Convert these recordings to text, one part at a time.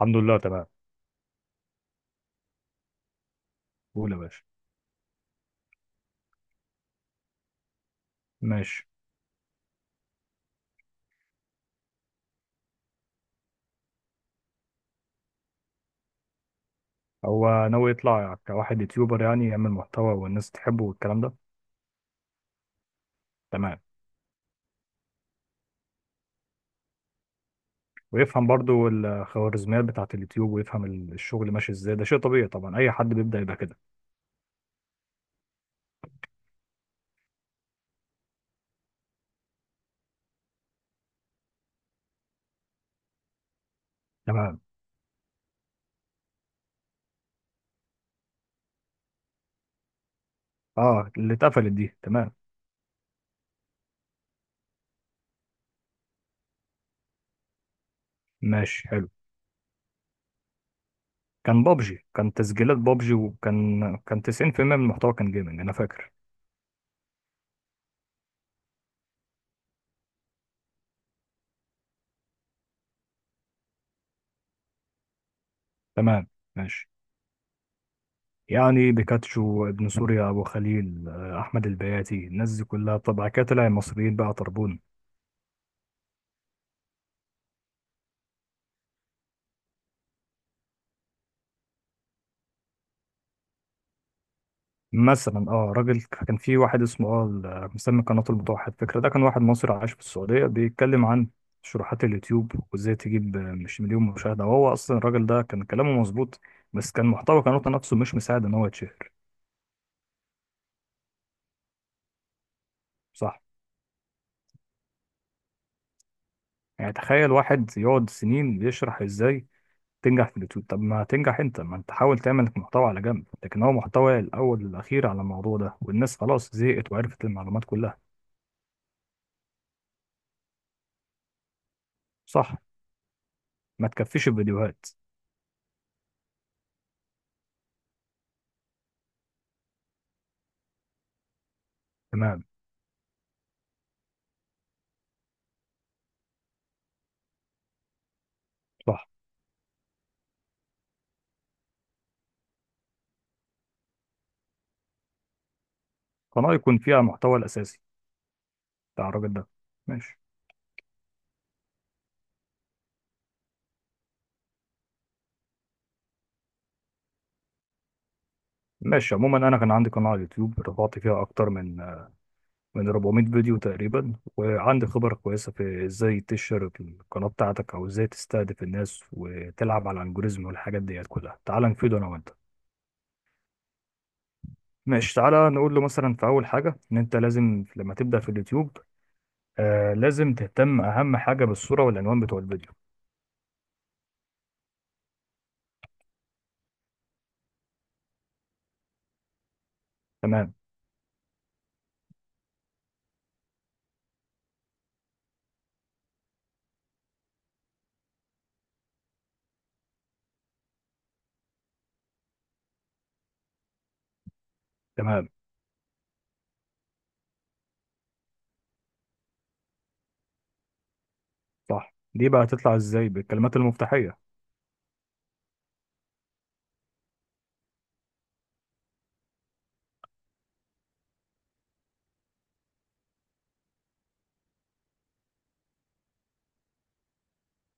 الحمد لله، تمام. قول يا باشا. ماشي. هو ناوي يطلع كواحد يوتيوبر، يعني يعمل محتوى والناس تحبه والكلام ده. تمام. ويفهم برضو الخوارزميات بتاعة اليوتيوب، ويفهم الشغل ماشي ازاي. ده شيء طبيعي طبعا، اي حد بيبدأ يبقى كده. تمام. اه، اللي اتقفلت دي. تمام. ماشي، حلو. كان بابجي، كان تسجيلات بابجي وكان 90% من المحتوى كان جيمنج، انا فاكر. تمام. ماشي. يعني بيكاتشو، ابن سوريا، ابو خليل، احمد البياتي، الناس دي كلها. طب بعد كده طلع المصريين بقى طربون. مثلا راجل، كان في واحد اسمه مسمي قناة المتوحد فكرة. ده كان واحد مصري عايش في السعودية، بيتكلم عن شروحات اليوتيوب وازاي تجيب مش مليون مشاهدة. وهو اصلا الراجل ده كان كلامه مظبوط، بس كان محتوى قناته نفسه مش مساعد ان هو يتشهر. صح. يعني تخيل واحد يقعد سنين بيشرح ازاي تنجح في اليوتيوب. طب ما تنجح انت، ما انت حاول تعمل محتوى على جنب، لكن هو محتوى الاول والاخير على الموضوع ده، والناس خلاص زهقت وعرفت المعلومات كلها. صح. ما تكفيش الفيديوهات. تمام. صح. قناة يكون فيها المحتوى الأساسي بتاع الراجل ده. ماشي. ماشي، عموما أنا كان عندي قناة على اليوتيوب، رفعت فيها أكتر من 400 فيديو تقريبا، وعندي خبرة كويسة في إزاي تشهر القناة بتاعتك، أو إزاي تستهدف الناس وتلعب على الألجوريزم والحاجات ديت كلها. تعال نفيده أنا وأنت. ماشي، تعالى نقول له مثلا، في أول حاجة، إن أنت لازم لما تبدأ في اليوتيوب، لازم تهتم أهم حاجة بالصورة والعنوان بتوع الفيديو. تمام. تمام. صح، دي بقى هتطلع إزاي؟ بالكلمات المفتاحية.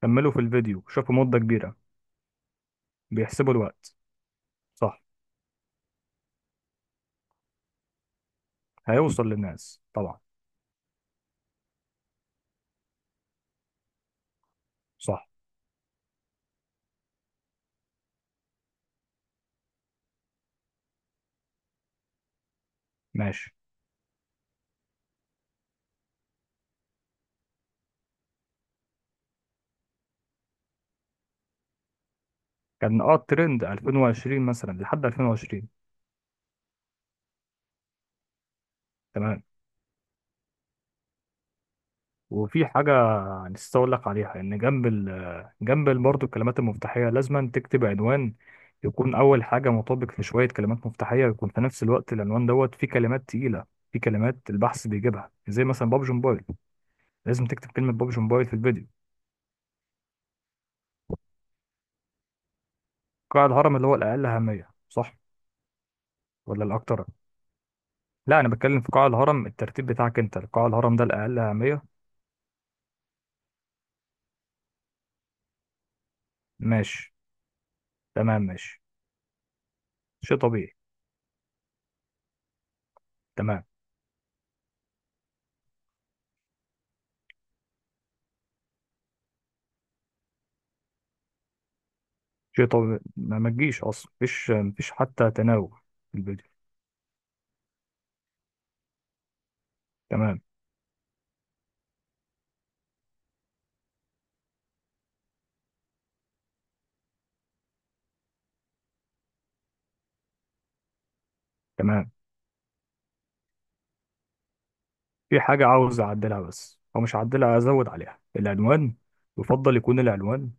كملوا في الفيديو، شوفوا مدة كبيرة. بيحسبوا الوقت. صح. هيوصل للناس طبعا. صح. ماشي. كان الترند 2020 مثلا، لحد 2020. تمام. وفي حاجة نسيت أقول لك عليها، إن جنب برضه الكلمات المفتاحية، لازم تكتب عنوان يكون أول حاجة مطابق لشوية كلمات مفتاحية، يكون في نفس الوقت العنوان دوت فيه كلمات تقيلة، فيه كلمات البحث بيجيبها زي مثلا بابجي موبايل. لازم تكتب كلمة بابجي موبايل في الفيديو. قاع الهرم اللي هو الأقل أهمية، صح ولا الأكتر؟ لا، انا بتكلم في قاع الهرم، الترتيب بتاعك. انت قاع الهرم ده الاقل اهميه. ماشي. تمام، ماشي. شيء طبيعي. تمام. شيء طبيعي، ما تجيش اصلا، مفيش حتى تناوب في الفيديو. تمام. تمام. في حاجه عاوز اعدلها، بس او مش هعدلها، ازود عليها العنوان. يفضل يكون العنوان،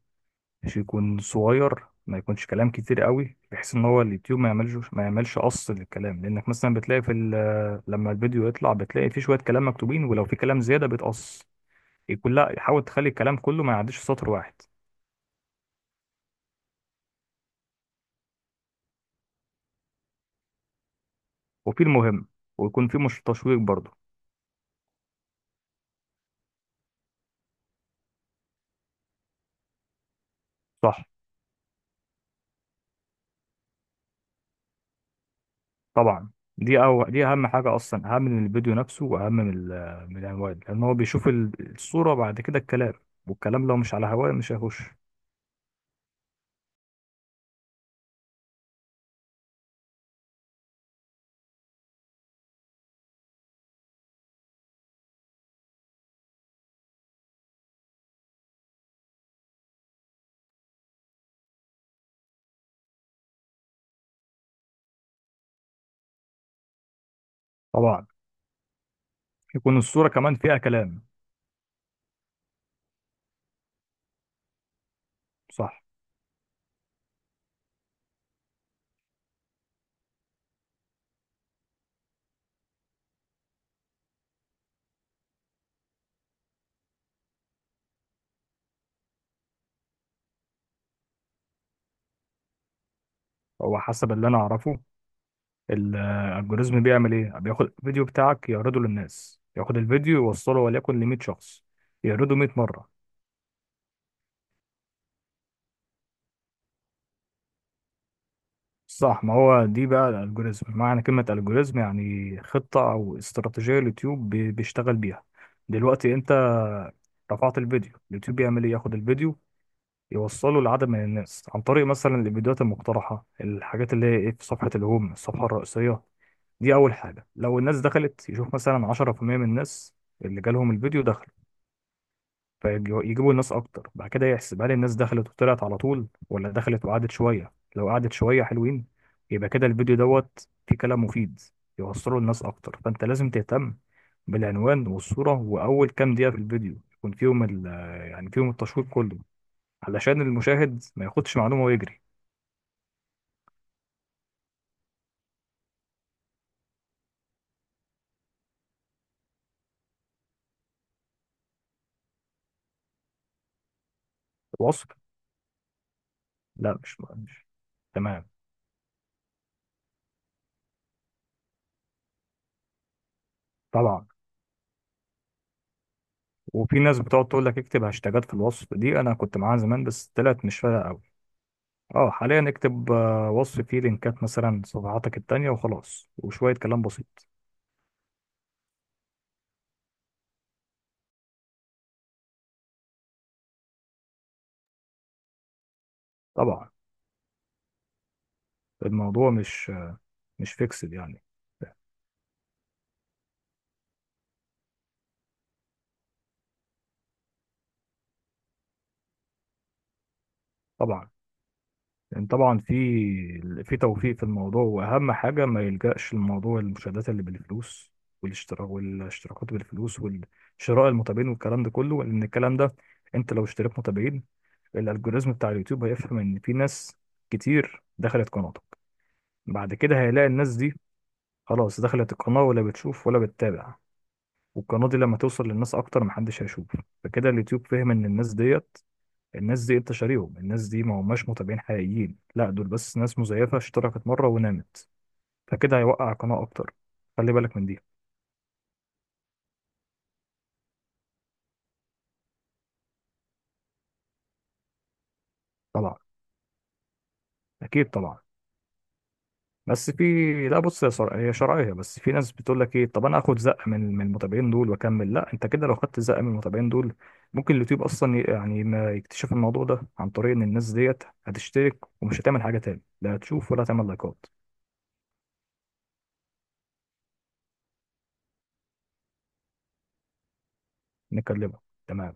مش يكون صغير، ما يكونش كلام كتير قوي، بحيث ان هو اليوتيوب ما يعملش قص للكلام. لانك مثلا بتلاقي في لما الفيديو يطلع بتلاقي في شويه كلام مكتوبين، ولو في كلام زياده بيتقص كلها. حاول تخلي الكلام كله ما يعديش سطر واحد. وفي المهم، ويكون في مش تشويق برضه. صح. طبعا، دي أو دي أهم حاجة أصلا، أهم من الفيديو نفسه، وأهم من من العنوان. لأن هو بيشوف الصورة بعد كده الكلام. والكلام لو مش على هواه مش هيخش. طبعا، يكون الصورة كمان فيها كلام. صح. هو حسب اللي أنا أعرفه، الالجوريزم بيعمل إيه؟ بياخد الفيديو بتاعك يعرضه للناس، ياخد الفيديو يوصله وليكن ل 100 شخص، يعرضه 100 مرة. صح، ما هو دي بقى الالجوريزم. معنى كلمة الجوريزم يعني خطة او استراتيجية اليوتيوب بيشتغل بيها. دلوقتي انت رفعت الفيديو، اليوتيوب بيعمل ايه؟ ياخد الفيديو يوصله لعدد من الناس عن طريق مثلا الفيديوهات المقترحة، الحاجات اللي هي ايه، في صفحة الهوم، الصفحة الرئيسية. دي اول حاجة. لو الناس دخلت، يشوف مثلا 10% من الناس اللي جالهم الفيديو دخل، فيجيبوا الناس اكتر بعد كده. يحسب هل الناس دخلت وطلعت على طول، ولا دخلت وقعدت شويه. لو قعدت شويه حلوين، يبقى كده الفيديو دوت فيه كلام مفيد، يوصله للناس اكتر. فانت لازم تهتم بالعنوان والصوره، واول كام دقيقه في الفيديو يكون فيهم ال، يعني فيهم التشويق كله، علشان المشاهد ما ياخدش معلومه ويجري. الوصف. لا، مش. تمام. طبعا، وفي ناس بتقعد تقول لك اكتب هاشتاجات في الوصف. دي انا كنت معاها زمان بس طلعت مش فارقه قوي. اه حاليا اكتب وصف فيه لينكات مثلا، صفحاتك التانية، وخلاص وشوية كلام بسيط. طبعا، الموضوع مش مش فيكسد يعني. طبعا، لأن طبعا في توفيق في الموضوع. واهم حاجة ما يلجأش لموضوع المشاهدات اللي بالفلوس، والاشتراك والاشتراكات بالفلوس، والشراء المتابعين، والكلام ده كله. لان الكلام ده، انت لو اشتريت متابعين، الالجوريزم بتاع اليوتيوب هيفهم ان في ناس كتير دخلت قناتك. بعد كده هيلاقي الناس دي خلاص دخلت القناة، ولا بتشوف ولا بتتابع. والقناة دي لما توصل للناس أكتر محدش هيشوف. فكده اليوتيوب فهم إن الناس ديت، الناس دي أنت شاريهم، الناس دي ما هماش متابعين حقيقيين، لا دول بس ناس مزيفة اشتركت مرة ونامت. فكده هيوقع القناة أكتر، خلي بالك من دي. طبعا. أكيد طبعا. بس في، لا بص يا صر... هي شرعيه. بس في ناس بتقول لك ايه، طب انا اخد زقه من المتابعين دول واكمل؟ لا، انت كده لو خدت زقه من المتابعين دول، ممكن اليوتيوب اصلا يعني ما يكتشف الموضوع ده، عن طريق ان الناس ديت هتشترك ومش هتعمل حاجه تاني، لا هتشوف ولا هتعمل لايكات. نكلمها، تمام.